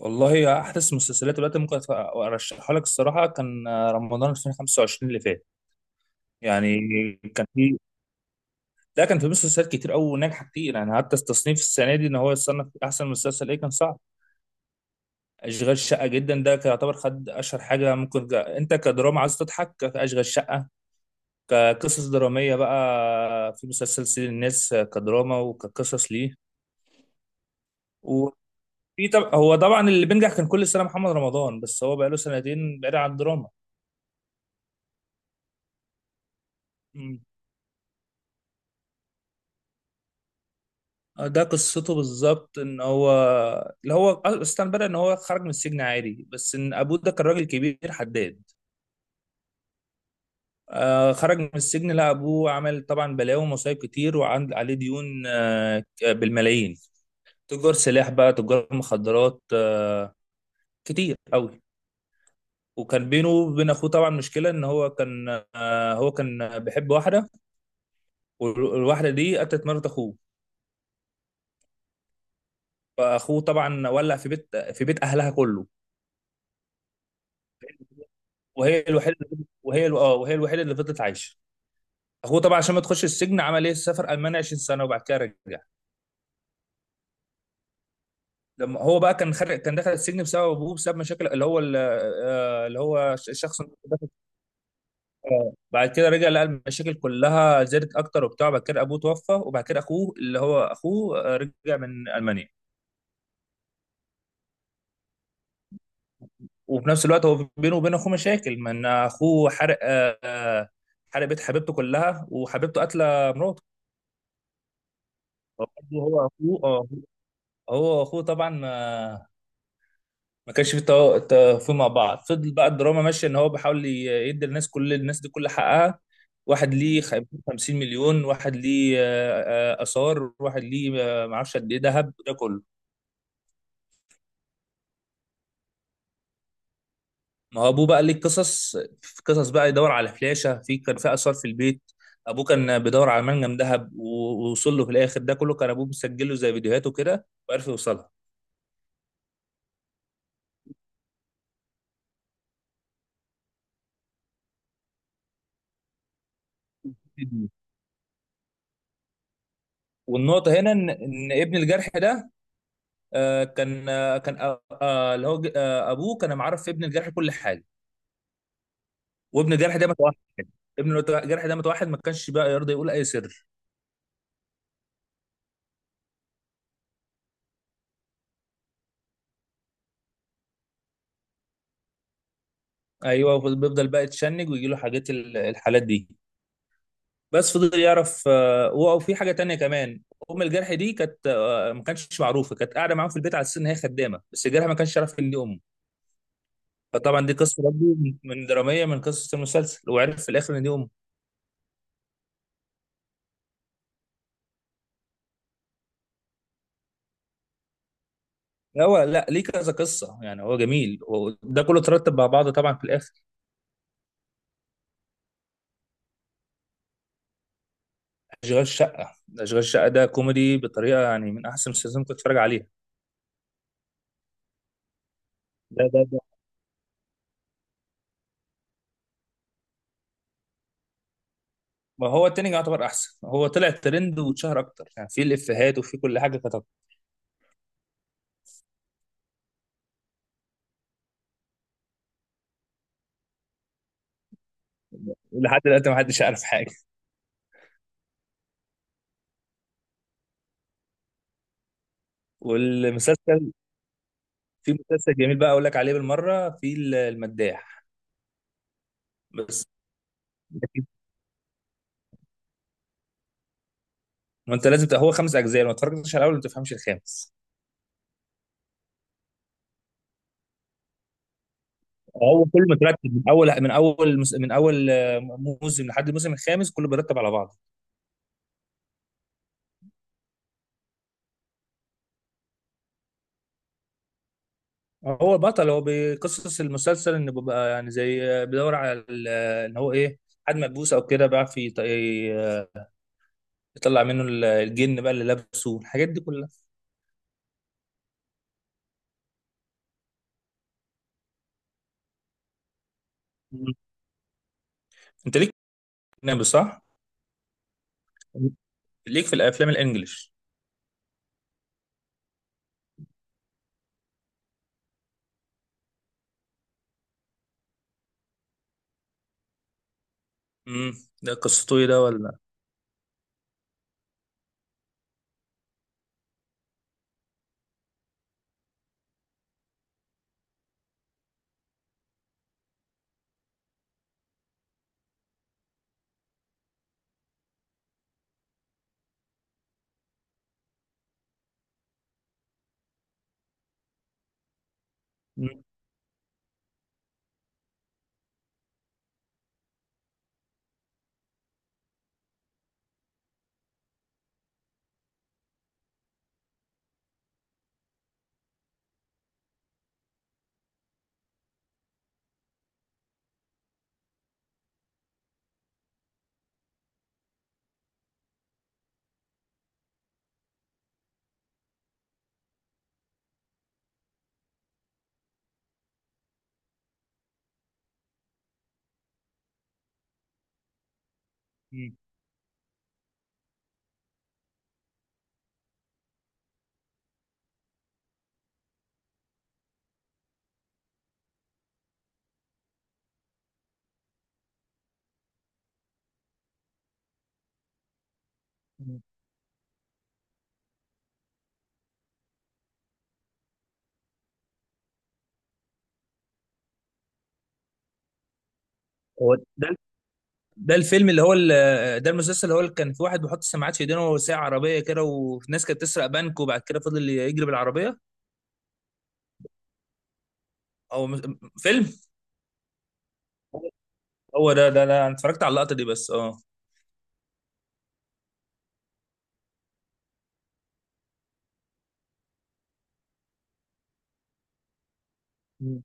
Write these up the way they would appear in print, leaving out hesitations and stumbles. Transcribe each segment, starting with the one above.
والله احدث مسلسلات دلوقتي ممكن ارشحها لك الصراحه كان رمضان 2025 اللي فات. يعني كان في ده كان في مسلسلات كتير قوي ناجحه كتير، يعني حتى التصنيف السنه دي ان هو يتصنف احسن مسلسل ايه كان صعب. اشغال شقه جدا ده كان يعتبر خد اشهر حاجه ممكن جا. انت كدراما عايز تضحك اشغال شقه، كقصص دراميه بقى في مسلسل سيد الناس كدراما وكقصص ليه. وفي طب، هو طبعا اللي بينجح كان كل سنه محمد رمضان، بس هو بقاله سنتين بعيد عن الدراما. آه، ده قصته بالظبط ان هو اللي هو اصلا بدأ ان هو خرج من السجن عادي، بس ان ابوه ده كان راجل كبير حداد. خرج من السجن لقى ابوه عمل طبعا بلاوي ومصايب كتير، وعند عليه ديون بالملايين، تجار سلاح بقى تجار مخدرات كتير قوي. وكان بينه وبين اخوه طبعا مشكله، ان هو كان آه هو كان بيحب واحده، والواحده دي قتلت مرات اخوه، فاخوه طبعا ولع في بيت اهلها كله. وهي الوحيده وهي الوحيده اللي فضلت عايشه. هو طبعا عشان ما تخش السجن عمل ايه؟ سافر المانيا 20 سنه وبعد كده رجع. لما هو بقى كان خارج كان دخل السجن بسبب ابوه، بسبب مشاكل اللي هو ال- آه، اللي هو ش- بعد كده رجع لقى المشاكل كلها زادت اكتر وبتاع. بعد كده ابوه توفى، وبعد كده اخوه، اللي هو اخوه آه، رجع من المانيا. وفي نفس الوقت هو بينه وبين اخوه مشاكل، من اخوه حرق آه، آه، حرق بيت حبيبته كلها وحبيبته قاتله مراته. هو هو اخوه آه، هو اخوه طبعا آه، ما كانش في توافق مع بعض. فضل بقى الدراما ماشيه ان هو بيحاول يدي الناس، كل الناس دي كل حقها. واحد ليه 50 مليون، واحد ليه اثار، واحد ليه ما اعرفش قد ايه ذهب ده كله. ما هو ابوه بقى ليه قصص، في قصص بقى يدور على فلاشه، في كان في اثار في البيت. ابوه كان بيدور على منجم ذهب ووصل له في الاخر. ده كله كان ابوه مسجله زي فيديوهاته كده، وعرف يوصلها. والنقطه هنا ان ابن الجرح ده آه، كان آه، كان آه، آه، اللي هو آه، ابوه كان معرف في ابن الجرح كل حاجه. وابن الجرح ده متوحد، ما كانش بقى يرضى يقول اي سر. ايوه بيفضل بقى يتشنج ويجي له حاجات الحالات دي. بس فضل يعرف، وفي حاجه تانية كمان. ام الجرح دي كانت، ما كانتش معروفه، كانت قاعده معاهم في البيت على اساس ان هي خدامه، بس الجرح ما كانش يعرف ان دي امه. فطبعا دي قصه برضه من دراميه، من قصص المسلسل، وعرف في الاخر ان دي امه. لا، هو لا ليه كذا قصه، يعني هو جميل، هو ده كله ترتب مع بعضه طبعا في الاخر. اشغال شقه، اشغال شقه ده كوميدي بطريقه، يعني من احسن المسلسلات اللي ممكن تتفرج عليها. ده ما هو التاني يعتبر احسن، هو طلع ترند واتشهر اكتر، يعني في الافيهات وفي كل حاجه كتب. لحد دلوقتي ما حدش يعرف حاجه. والمسلسل في مسلسل جميل بقى اقول لك عليه بالمره، في المداح. بس لكن- ما انت لازم هو 5 اجزاء، لو ما اتفرجتش على الاول ما تفهمش الخامس. هو كله مترتب من اول موسم لحد الموسم الخامس، كله بيرتب على بعضه. هو بطل، هو بقصص المسلسل انه بيبقى يعني زي بيدور على ال- ان هو ايه حد ملبوس او كده، بيعرف يطلع منه الجن بقى اللي لابسه الحاجات دي كلها. مم. انت ليك في الاجنبي صح؟ ليك في الافلام الانجليش؟ امم ده قصته ايه ده ولا؟ مم. مم. مم. هو ده ده الفيلم اللي هو ال- ده المسلسل اللي هو اللي كان في واحد بيحط سماعات في ايدينه وساعة عربية كده، والناس كانت تسرق بنك وبعد كده فضل يجري بالعربية. او فيلم. هو ده انا اتفرجت على اللقطة دي بس مم.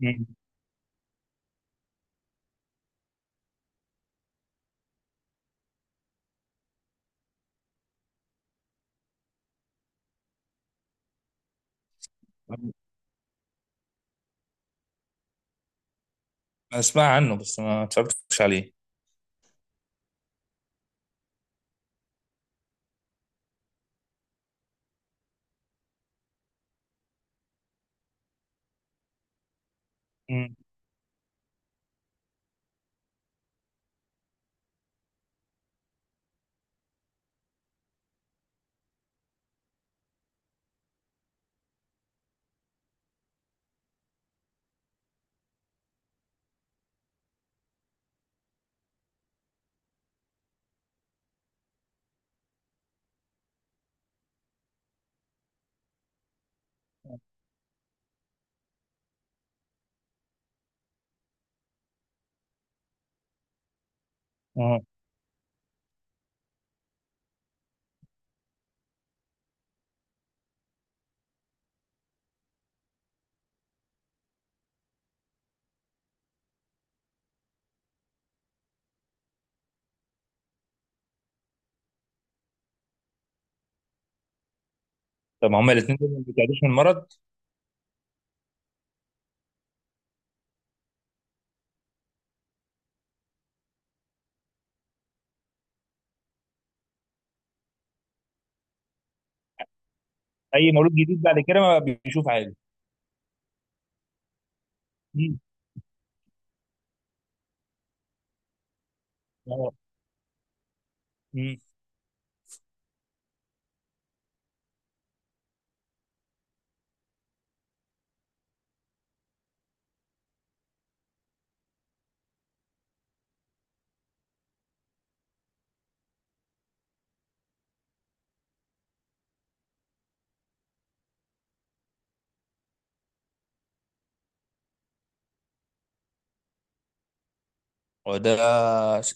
مم. أنا أسمع عنه بس ما اتفرجتش عليه. مم. اه. طب هما الاثنين دول ما بيتعدوش من المرض؟ أي مولود جديد بعد كده ما بيشوف عادي. مم. اه. مم. هو ده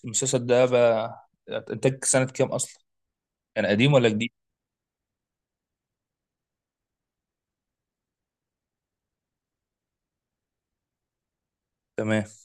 المسلسل ده بقى إنتاج سنة كام أصلا؟ كان قديم ولا جديد؟ تمام.